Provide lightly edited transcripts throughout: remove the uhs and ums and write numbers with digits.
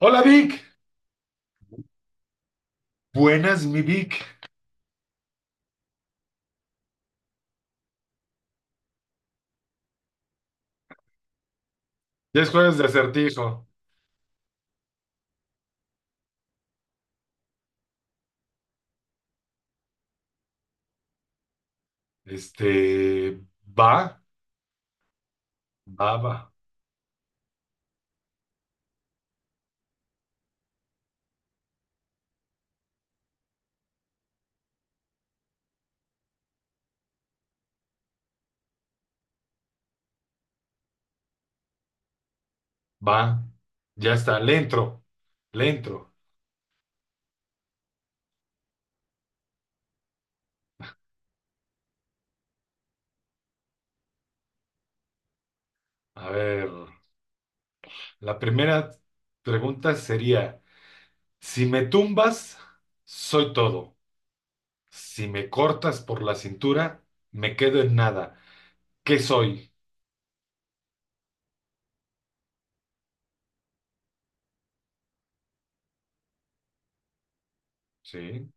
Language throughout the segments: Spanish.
Hola Vic, buenas mi Vic, ya es jueves de acertijo, este, va, va, va, va, ya está, le entro, a ver, la primera pregunta sería, si me tumbas, soy todo, si me cortas por la cintura, me quedo en nada, ¿qué soy? Sí,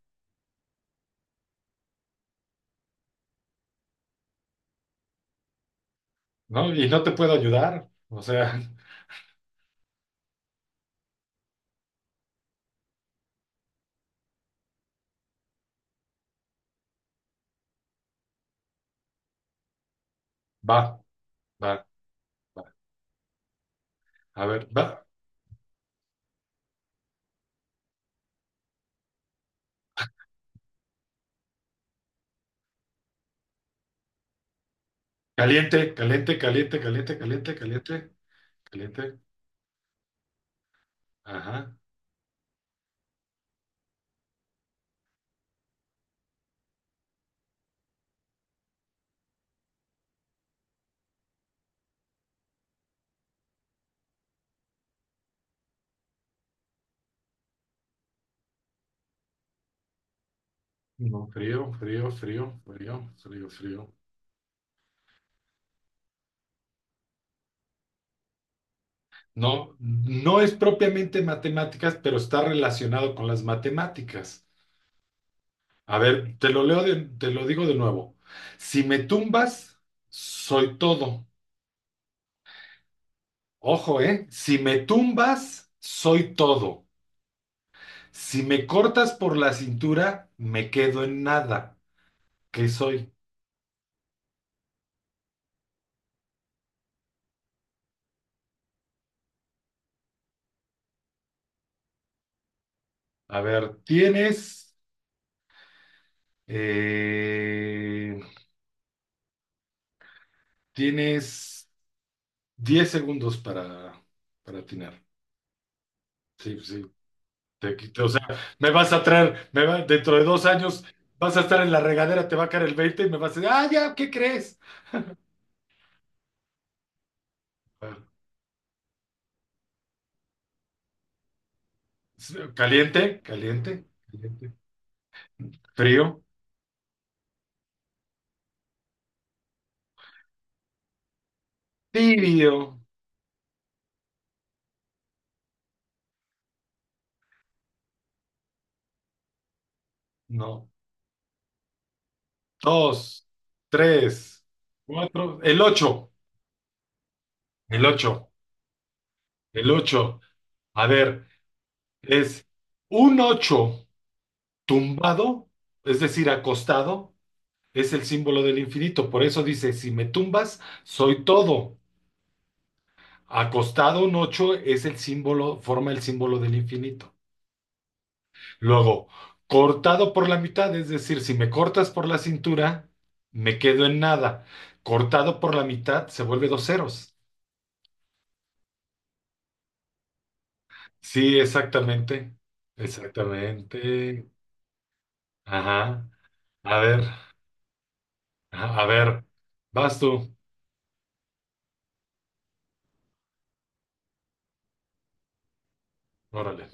¿no? Y no te puedo ayudar, o sea, va, va, va, a ver, va, caliente, caliente, caliente, caliente, caliente, caliente. Caliente, ajá. No, frío, frío, frío, frío, frío, frío. No, no es propiamente matemáticas, pero está relacionado con las matemáticas. A ver, te lo leo te lo digo de nuevo. Si me tumbas, soy todo. Ojo, ¿eh? Si me tumbas, soy todo. Si me cortas por la cintura, me quedo en nada. ¿Qué soy? A ver, eh, tienes 10 segundos para atinar. Sí, pues sí, te quito. O sea, me vas a traer, dentro de 2 años vas a estar en la regadera, te va a caer el veinte y me vas a decir, ah, ya, ¿qué crees? Ah, sí, caliente, caliente, caliente. Frío, tibio. No. Dos, tres, cuatro, el ocho, el ocho, el ocho. A ver, es un ocho tumbado, es decir, acostado es el símbolo del infinito. Por eso dice, si me tumbas, soy todo. Acostado un 8 es el símbolo, forma el símbolo del infinito. Luego, cortado por la mitad, es decir, si me cortas por la cintura, me quedo en nada. Cortado por la mitad se vuelve dos ceros. Sí, exactamente. Exactamente. Ajá. A ver, ajá, a ver, vas tú. Órale.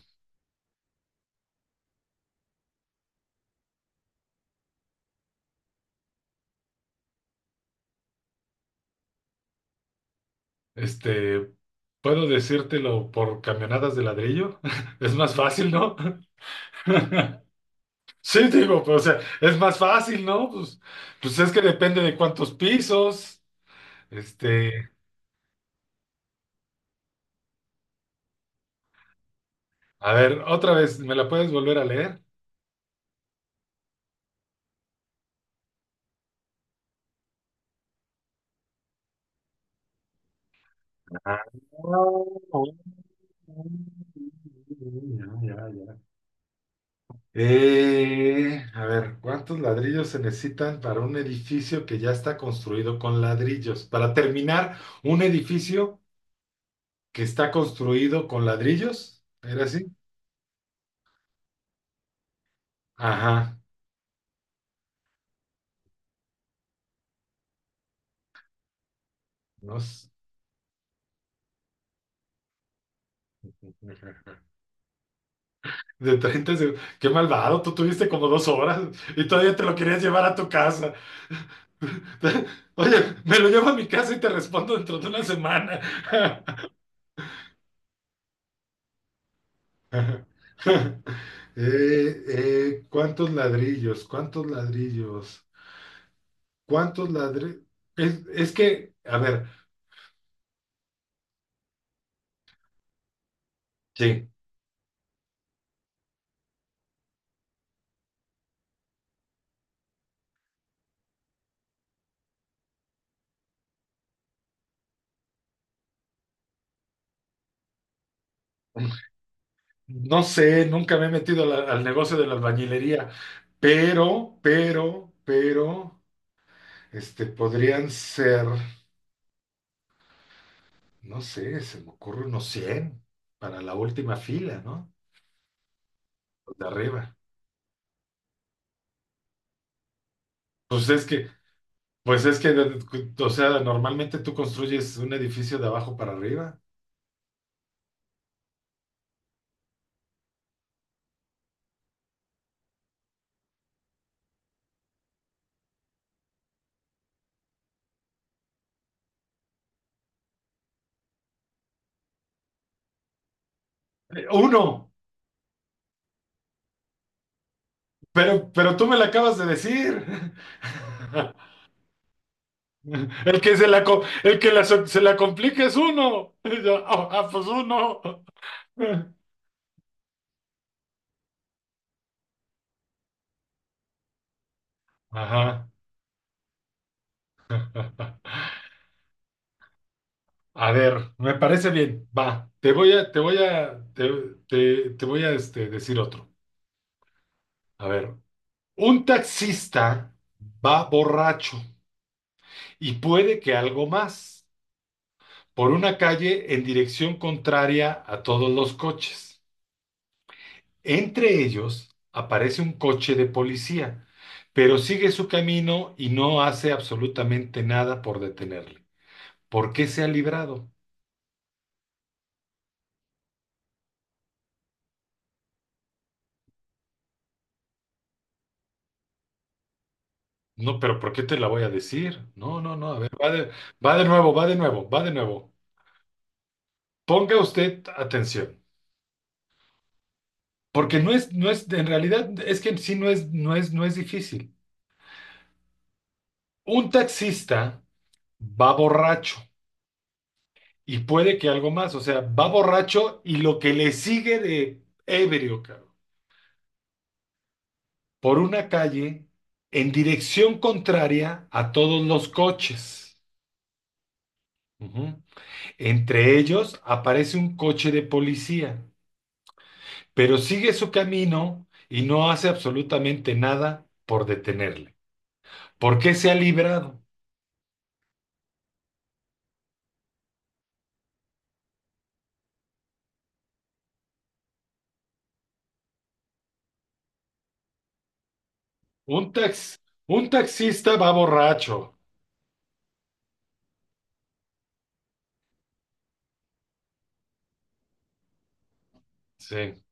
Este, Puedo decírtelo por camionadas de ladrillo. Es más fácil, ¿no? Sí, digo, pues, o sea, es más fácil, ¿no? Pues es que depende de cuántos pisos. Este, a ver, otra vez, ¿me la puedes volver a leer? Ah, ya, ya, ya. A ver, ¿cuántos ladrillos se necesitan para un edificio que ya está construido con ladrillos? Para terminar un edificio que está construido con ladrillos, ¿era así? Ajá, no sé. Ajá. De 30 segundos. Qué malvado, tú tuviste como 2 horas y todavía te lo querías llevar a tu casa. Oye, me lo llevo a mi casa y te respondo dentro de una semana. ¿Cuántos ladrillos? ¿Cuántos ladrillos? ¿Cuántos ladrillos? Es que, a ver, sí. No sé, nunca me he metido al negocio de la albañilería, pero, podrían ser, no sé, se me ocurre unos 100 para la última fila, ¿no? Los de arriba. Pues es que, pues es que, o sea, normalmente tú construyes un edificio de abajo para arriba. Uno, pero tú me lo acabas de decir. El que se la complica es uno. Y yo, pues uno. Ajá. A ver, me parece bien. Va, te voy a decir otro. A ver, un taxista va borracho y puede que algo más por una calle en dirección contraria a todos los coches. Entre ellos aparece un coche de policía, pero sigue su camino y no hace absolutamente nada por detenerle. ¿Por qué se ha librado? No, pero ¿por qué te la voy a decir? No, no, no, a ver, va de nuevo, va de nuevo, va de nuevo. Ponga usted atención, porque no es, en realidad es que en sí no es difícil. Un taxista va borracho y puede que algo más, o sea, va borracho y lo que le sigue de ebrio, cabrón, por una calle en dirección contraria a todos los coches. Ujú. Entre ellos aparece un coche de policía, pero sigue su camino y no hace absolutamente nada por detenerle. ¿Por qué se ha librado? Un tax, un taxista va borracho. Sí.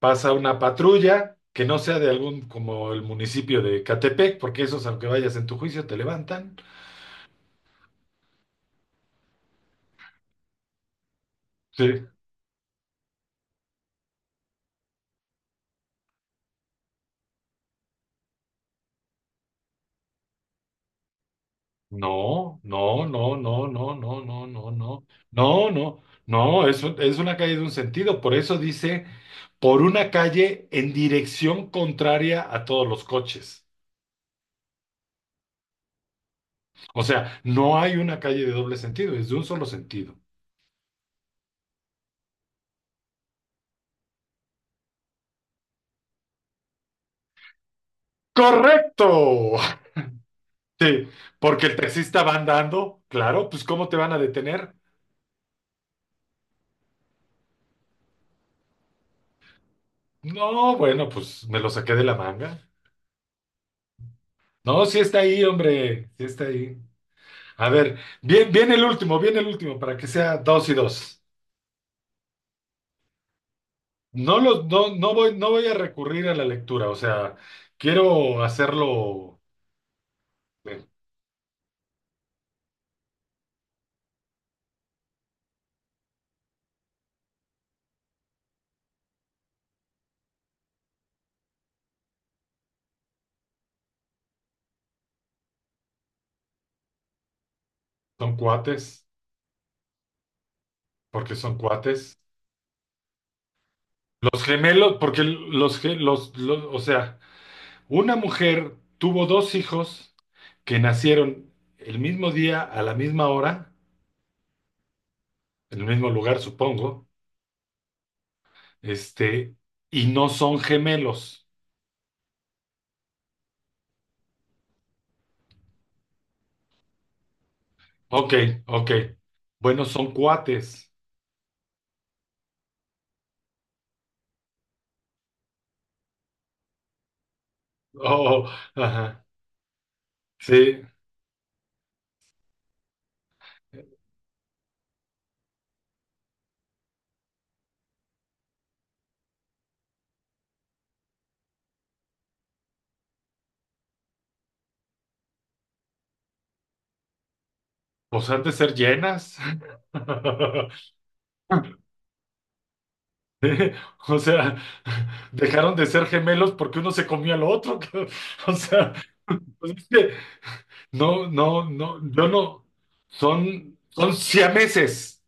Pasa una patrulla que no sea de algún, como el municipio de Catepec, porque esos, aunque vayas en tu juicio, te levantan. Sí. No, no, no, no, no, no, no, no, no. No, no, no, es una calle de un sentido. Por eso dice, por una calle en dirección contraria a todos los coches. O sea, no hay una calle de doble sentido, es de un solo sentido. ¡Correcto! Sí, porque el taxista va andando, claro, pues ¿cómo te van a detener? No, bueno, pues me lo saqué de la manga. No, sí está ahí, hombre, sí está ahí. A ver, bien, bien el último, para que sea dos y dos. No los, no, no voy, no voy a recurrir a la lectura, o sea, quiero hacerlo. eh, Son cuates, porque son cuates. Los gemelos, porque los, o sea. Una mujer tuvo dos hijos que nacieron el mismo día, a la misma hora, en el mismo lugar, supongo, este, y no son gemelos. Ok, ok. Bueno, son cuates. Oh, ajá. Sí. Pues han de ser llenas. ¿Eh? O sea, dejaron de ser gemelos porque uno se comió al otro. O sea, pues es que no, no, no, yo no. Son siameses.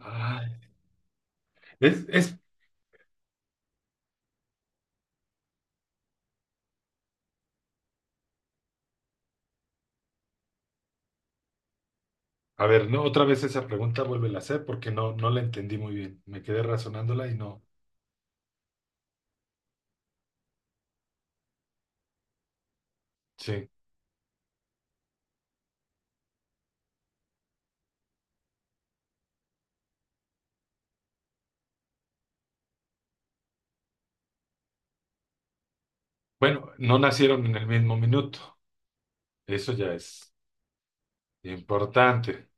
Ay, es, es, a ver, no, otra vez esa pregunta vuelve a hacer porque no la entendí muy bien. Me quedé razonándola y no. Sí. Bueno, no nacieron en el mismo minuto. Eso ya es importante.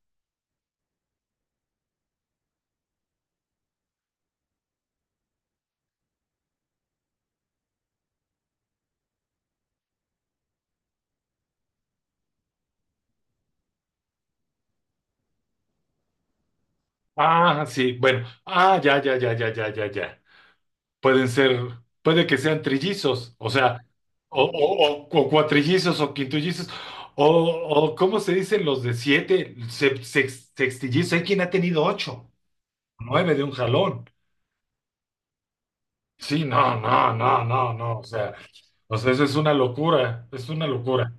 Ah, sí, bueno. Ah, ya, ya, ya, ya, ya, ya, ya. pueden ser, Puede que sean trillizos, o sea, o cuatrillizos o quintillizos. O ¿Cómo se dicen los de siete? Sextillizos, hay quien ha tenido ocho, nueve de un jalón. Sí, no, no, no, no, no, o sea, eso es una locura, es una locura.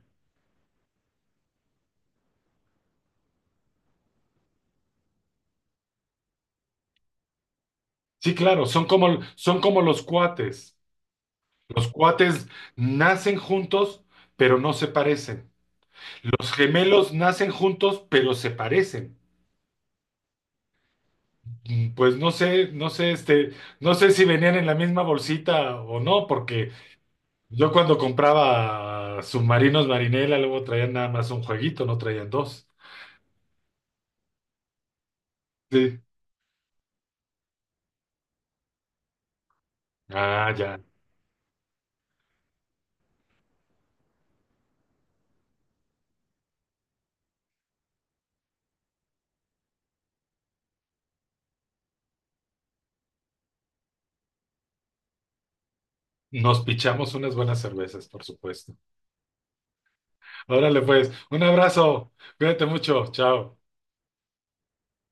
Sí, claro, son como los cuates. Los cuates nacen juntos, pero no se parecen. Los gemelos nacen juntos, pero se parecen. Pues no sé si venían en la misma bolsita o no, porque yo cuando compraba submarinos Marinela, luego traían nada más un jueguito, no traían dos. Sí. Ah, ya. Nos pichamos unas buenas cervezas, por supuesto. Órale, pues, un abrazo. Cuídate mucho. Chao.